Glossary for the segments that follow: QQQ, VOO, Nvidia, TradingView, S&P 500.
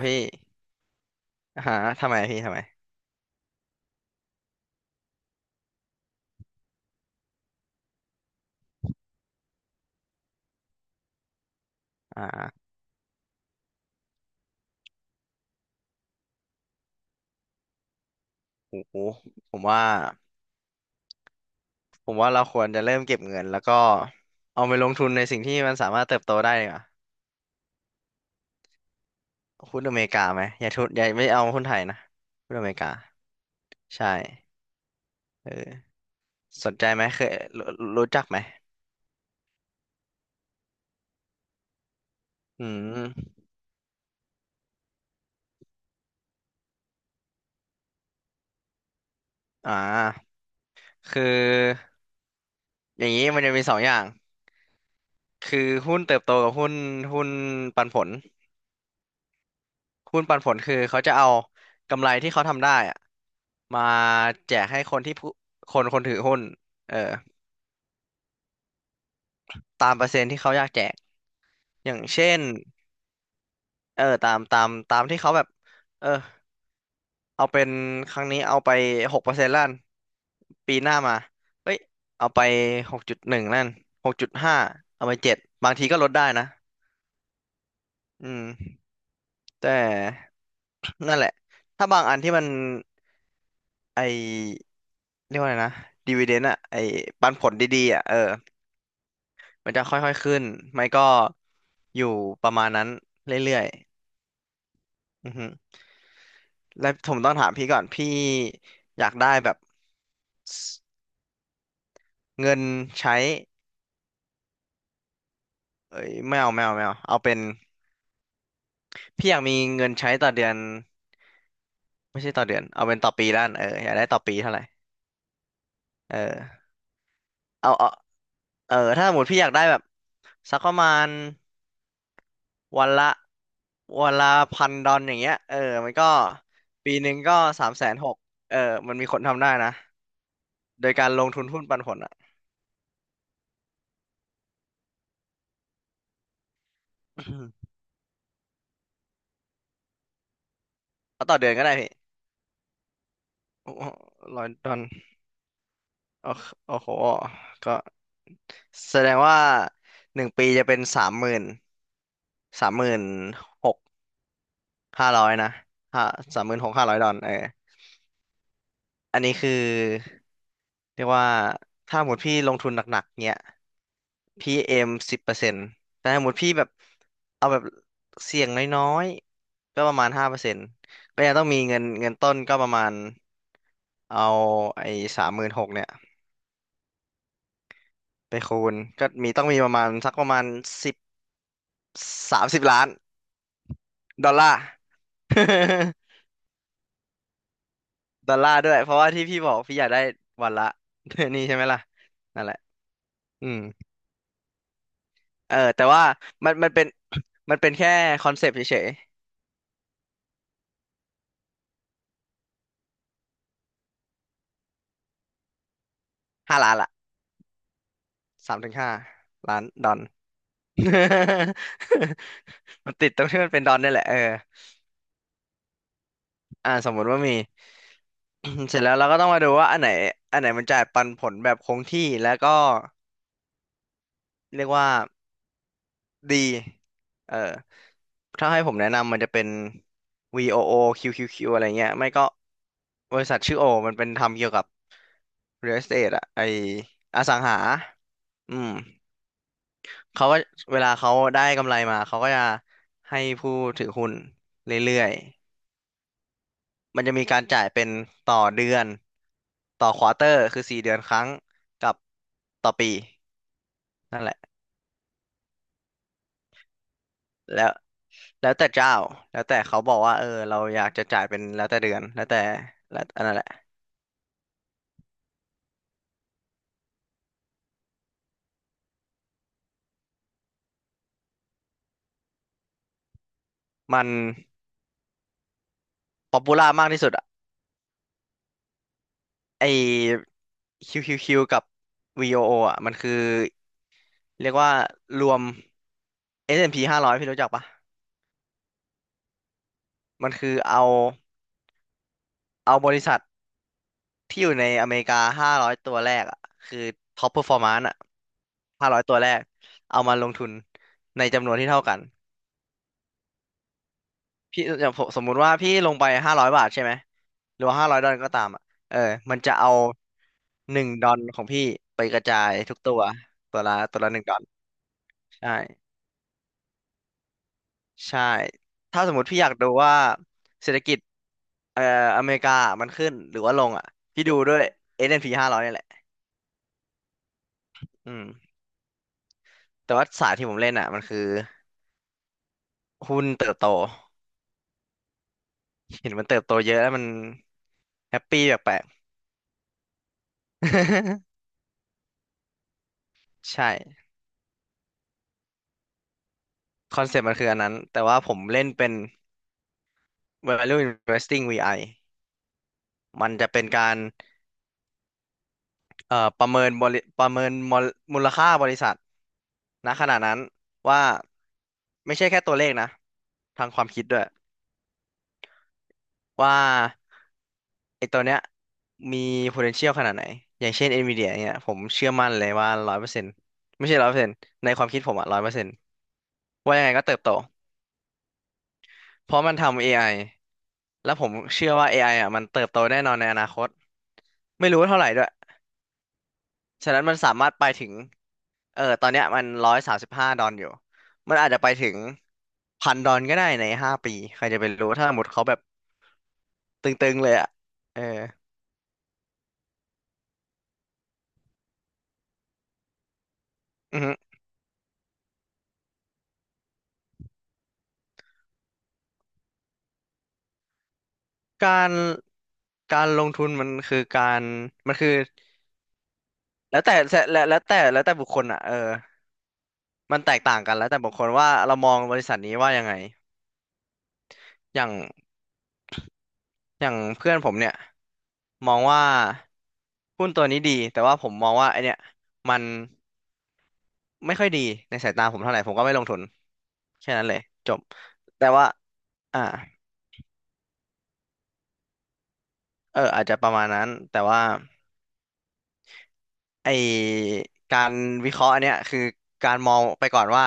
พี่หาทำไมพี่ทำไมอ่าโอ้โหผมว่าผมว่าเราควรจะเริ่มเก็บเงินแล้วก็เอาไปลงทุนในสิ่งที่มันสามารถเติบโตได้ดีกว่าหุ้นอเมริกาไหมอย่าทุนอย่าไม่เอาหุ้นไทยนะหุ้นอเมริกาใช่เออสนใจไหมเคยรู้รู้จักไหมอืมอ่าคืออย่างนี้มันจะมีสองอย่างคือหุ้นเติบโตกับหุ้นปันผล หุ้นปันผลคือเขาจะเอากำไรที่เขาทำได้อะมาแจกให้คนถือหุ้นเออตามเปอร์เซ็นต์ที่เขาอยากแจกอย่างเช่นเออตามที่เขาแบบเออเอาเป็นครั้งนี้เอาไป6%ล้านปีหน้ามาเอ้ยเอาไป6.1 ล้าน6.5เอาไปเจ็ดบางทีก็ลดได้นะอืมแต่ นั่นแหละถ้าบางอันที่มันไอเรียกว่าไงนะดีว i เดน d อะไอปันผลดีๆอะเออ มันจะค่อยๆขึ้นไม่ก็อยู่ประมาณนั้นเรื่อยๆอือฮึแล้วผมต้องถามพี่ก่อนพี่อยากได้แบบสเงินใช้เอ้ยไม่เอาไม่เอาไม่เอาเอาเป็นพี่อยากมีเงินใช้ต่อเดือนไม่ใช่ต่อเดือนเอาเป็นต่อปีด้านเอออยากได้ต่อปีเท่าไหร่เออเอาเออถ้าสมมติพี่อยากได้แบบสักประมาณวันละวันละพันดอลอย่างเงี้ยเออมันก็ปีหนึ่งก็360,000เออมันมีคนทำได้นะ โดยการลงทุนหุ้นปันผลอ่ะ เอาต่อเดือนก็ได้พี่100 ดอลโอ้โหอ้โห ก็แสดงว่าหนึ่งปีจะเป็นสามหมื่นหกห้าร้อยนะห้า36,500 ดอลเอออันนี้คือเรียกว่าถ้าหมดพี่ลงทุนหนักๆเนี้ยพี่เอม10%แต่ถ้าหมดพี่แบบเอาแบบเสี่ยงน้อยๆ ก็ประมาณ5%ก็ยังต้องมีเงินต้นก็ประมาณ เอาไอ้36,000เนี่ยไปคูณก็มีต้องมีประมาณสักประมาณสิบ30 ล้านดอลลาร์ ดอลลาร์ด้วยเพราะว่าที่พี่บอกพี่อยากได้วันละ นี่ใช่ไหมล่ะนั่นแหละอืมเออแต่ว่ามันมันเป็น มันเป็นแค่คอนเซปต์เฉยๆห้าล้านละ3-5 ล้านดอล มันติดตรงที่มันเป็นดอลนี่แหละเอออ่าสมมุติว่ามี เสร็จแล้วเราก็ต้องมาดูว่าอันไหนอันไหนมันจ่ายปันผลแบบคงที่แล้วก็ เรียกว่าดี เออ ถ้าให้ผมแนะนำมันจะเป็น VOO QQQ อโอคิวคิวคิวอะไรเงี้ย ไม่ก็บริษัทชื่อโอมันเป็นทำเกี่ยวกับ real estate อะไออสังหาอืมเขาก็เวลาเขาได้กำไรมาเขาก็จะให้ผู้ถือหุ้นเรื่อยๆ มันจะมีการจ่ายเป็นต่อเดือน ต่อควอเตอร์คือ4 เดือนครั้งกับต่อปีนั่นแหละ แล้ว แล้วแต่เจ้า แล้วแต่เขาบอกว่า เออเราอยากจะจ่ายเป็นแล้วแต่เดือน แล้วแต่แล้วอันนั้นแหละมันป๊อปปูล่ามากที่สุดอะไอ QQQ กับ VOO อโออ่ะมันคือ เรียกว่ารวม S&P 500พีห้าร้อยพี่รู้จักปะมันคือเอาเอาบริษัทที่อยู่ในอเมริกา500ตัวแรกอ่ะคือ top performance อ่ะ500ตัวแรก เอามาลงทุนในจำนวนที่เท่ากัน พี่อย่างผมสมมุติว่าพี่ลงไป500 บาทใช่ไหมหรือว่าห้าร้อยดอลก็ตามอ่ะเออมันจะเอาหนึ่งดอลของพี่ไปกระจายทุกตัวตัวละตัวละหนึ่งดอลใช่ใช่ถ้าสมมติพี่อยากดูว่าเศรษฐกิจเอ่ออเมริกามันขึ้นหรือว่าลงอ่ะพี่ดูด้วย S&P 500นด์พีห้าร้อยนี่แหละอืมแต่ว่าสายที่ผมเล่นอ่ะมันคือหุ้นเติบโตเห็นมันเติบโตเยอะแล้วมันแฮปปี้แปลกๆ ใช่คอนเซ็ปต์มันคืออันนั้นแต่ว่าผมเล่นเป็น Value Investing VI มันจะเป็นการเอ่อประเมินบริประเมินมอลมูลค่าบริษัทณขณะนั้นว่าไม่ใช่แค่ตัวเลขนะทางความคิดด้วยว่าไอ้ตัวเนี้ยมี potential ขนาดไหนอย่างเช่น Nvidia เนี่ยผมเชื่อมั่นเลยว่าร้อยเปอร์เซ็นต์ไม่ใช่ร้อยเปอร์เซ็นต์ในความคิดผมอะร้อยเปอร์เซ็นต์ว่ายังไงก็เติบโตเพราะมันทำ AI แล้วผมเชื่อว่า AI อไออ่ะมันเติบโตแน่นอนในอนาคตไม่รู้ว่าเท่าไหร่ด้วย ฉะนั้นมันสามารถไปถึงตอนเนี้ยมัน135ดอนอยู่มันอาจจะไปถึงพันดอนก็ได้ในห้าปี ใครจะไปรู้ถ้าหมดเขาแบบตึงๆเลยอ่ะเอออือฮึการการลงทุนมันคือการมันคือแล้วแต่แล้วแต่บุคคลอ่ะเออมันแตกต่างกันแล้วแต่บุคคลว่าเรามองบริษัทนี้ว่ายังไงอย่างอย่างเพื่อนผมเนี่ยมองว่าหุ้นตัวนี้ดี แต่ว่าผมมองว่าไอเนี่ยมัน ไม่ค่อยดีในสายตาผมเท่าไหร่ผมก็ไม่ลงทุนแค่นั้นเลยจบแต่ว่าอ่าเอออาจจะประมาณนั้นแต่ว่าไอการวิเคราะห์อันเนี้ยคือการมองไปก่อนว่า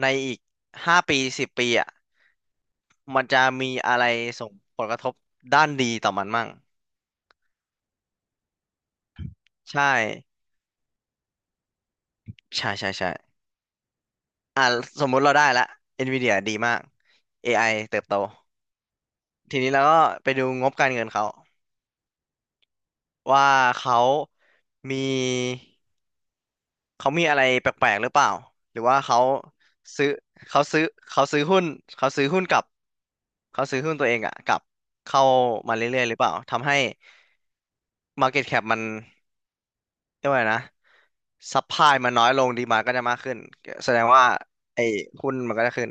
ในอีก5 ปี 10 ปีอ่ะมันจะมีอะไรส่งผลกระทบด้านดีต่อมันมั่งใช่ใช่ใช่ใช่อ่าสมมุติเราได้ละ Nvidia ดีมาก AI เติบโตทีนี้เราก็ไปดูงบการเงินเขาว่าเขามี เขามีอะไรแปลกๆหรือเปล่าหรือว่าซื้อเขาซื้อเขาซื้อหุ้นเขาซื้อหุ้นกับเขาซื้อหุ้นตัวเองอะกับเข้ามาเรื่อยๆหรือเปล่าทำให้ market cap มันเรียกว่าไงนะซั u พลายมันน้อยลงดีมาก็จะมากขึ้นแสดงว่าไอ้หุ้นมันก็จะขึ้น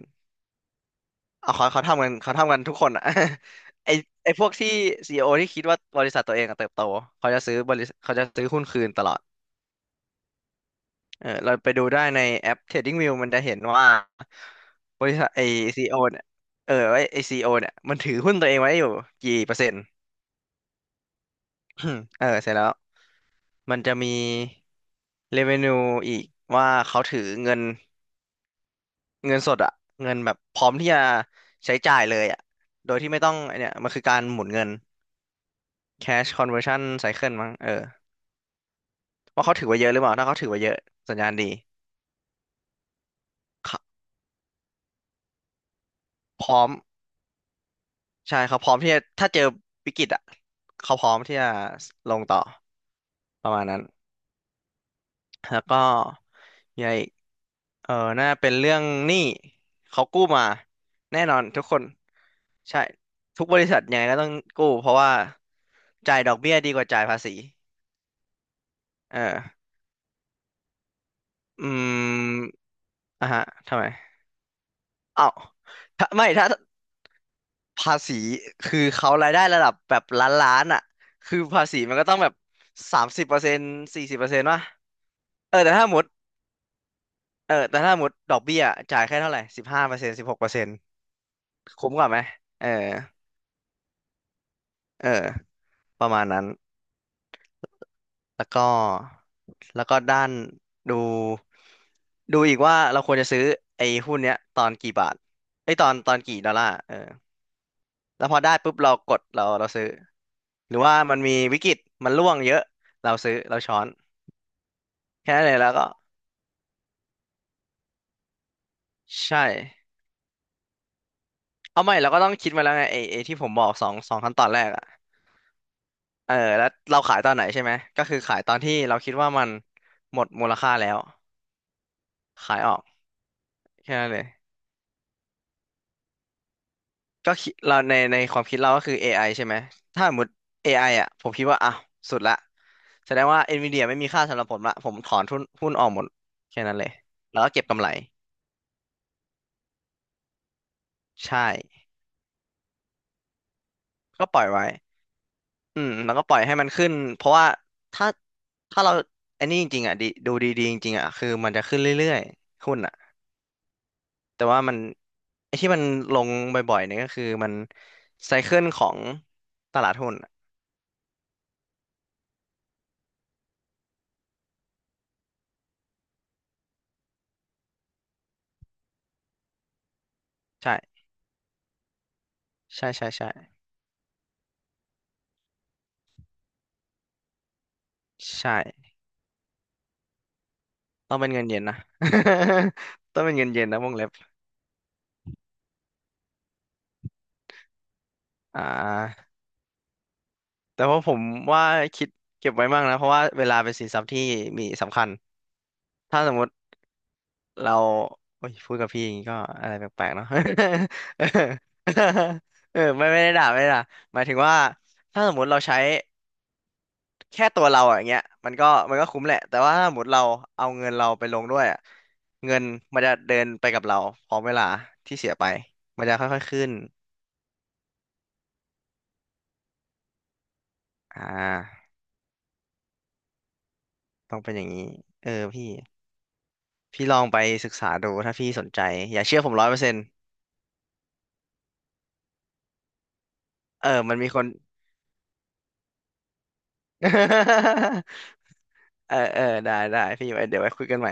เอาเขาทำกันทุกคนอะ ไอ้ไอ้พวกที่CEOที่คิดว่าบริษัทตัวเองอะเติบโตเขาจะซื้อหุ้นคืนตลอด เออเราไปดูได้ในแอป TradingView มันจะเห็นว่าบริษัทCEOเนี่ยไอซีโอเนี่ยมันถือหุ้นตัวเองไว้อยู่กี่เปอร์เซ็นต์ เออเสร็จแล้วมันจะมี revenue อีกว่าเขาถือเงินเงินสดอะเงินแบบพร้อมที่จะใช้จ่ายเลยอะโดยที่ไม่ต้องไอ้เนี่ยมันคือการหมุนเงิน cash conversion cycle มั้งเออว่าเขาถือไว้เยอะหรือเปล่าถ้าเขาถือไว้เยอะสัญญาณดีเขาพร้อม ใช่เขาพร้อมที่จะถ้าเจอวิกฤตอ่ะเขาพร้อมที่จะลงต่อประมาณนั้นแล้วก็มีอะไรอีกเออน่าเป็นเรื่องหนี้เขากู้มาแน่นอนทุกคนใช่ทุกบริษัทยังไงก็ต้องกู้เพราะว่าจ่ายดอกเบี้ยดีกว่าจ่ายภาษีเอออืมอ่ะฮะทำไมเอ้าถ้าไม่ถ้าภาษีคือเขารายได้ระดับแบบล้านล้านอ่ะคือภาษีมันก็ต้องแบบ30%40%วะเออแต่ถ้าหมด เออแต่ถ้าสมมติดอกเบี้ยจ่ายแค่เท่าไหร่15%16%คุ้มกว่าไหมเออเออประมาณนั้นแล้วก็แล้วก็ด้านดูดูอีกว่าเราควรจะซื้อไอ้หุ้นเนี้ยตอนกี่บาทไอ้ยตอนตอนกี่ดอลลาร์เออแล้วพอได้ปุ๊บเรากดเราซื้อหรือว่ามันมีวิกฤตมันร่วงเยอะเราซื้อเราช้อนแค่นั้นเลยแล้วก็ใช่เอาไม่เราก็ต้องคิดมาแล้วไงไอ้ที่ผมบอกสองขั้นตอนแรกอะ เออแล้วเราขายตอนไหนใช่ไหมก็คือขายตอนที่เราคิดว่ามันหมดมูลค่าแล้วขายออกแค่นั้นเลยก็คิดเราในความคิดเราก็คือ AI ใช่ไหมถ้าสมมติเอไ i อ่ะผมคิดว่าอ่ะสุดละแสดงว่า NVIDIA ไม่มีค่าสำหรับผมละผมถอนทุนหุ้นออกหมดแค่นั้นเลยแล้วก็เก็บกำไรใช่ก็ปล่อยไว้อืมแล้วก็ปล่อยให้มันขึ้นเพราะว่าถ้าถ้าเราไอันนี้จริงๆอ่ะดีดูดีๆจริงๆอ่ะคือมันจะขึ้นเรื่อยๆหุ้นอ่ะ แต่ว่ามันไอ้ที่มันลงบ่อยๆเนี่ยก็คือมันไซเคิลของตลาดหุ้นอะใช่ใช่ใช่ใช่ใช่ต้องเป็นเงินเย็นนะ ต้องเป็นเงินเย็นนะวงเล็บอ่าแต่ว่าผมว่าคิดเก็บไว้มางนะเพราะว่าเวลาเป็นสินทรัพย์ที่มีสำคัญถ้าสมมติเราโอ้ยพูดกับพี่อย่างนี้ก็อะไรแปลกๆเนาะ เออไม่ได้ด่าหมายถึงว่าถ้าสมมติเราใช้ แค่ตัวเราอะอย่างเงี้ยมันก็คุ้มแหละแต่ว่าถ้าหมดเราเอาเงินเราไปลงด้วยอะเงินมันจะเดินไปกับเราพร้อมเวลาที่เสียไปมันจะค่อยๆขึ้นอ่าต้องเป็นอย่างนี้เออพี่พี่ลองไปศึกษาดูถ้าพี่สนใจอย่าเชื่อผม100%เออมันมีคน เออเออได้ได้พี่ไว้เดี๋ยวไว้คุยกันใหม่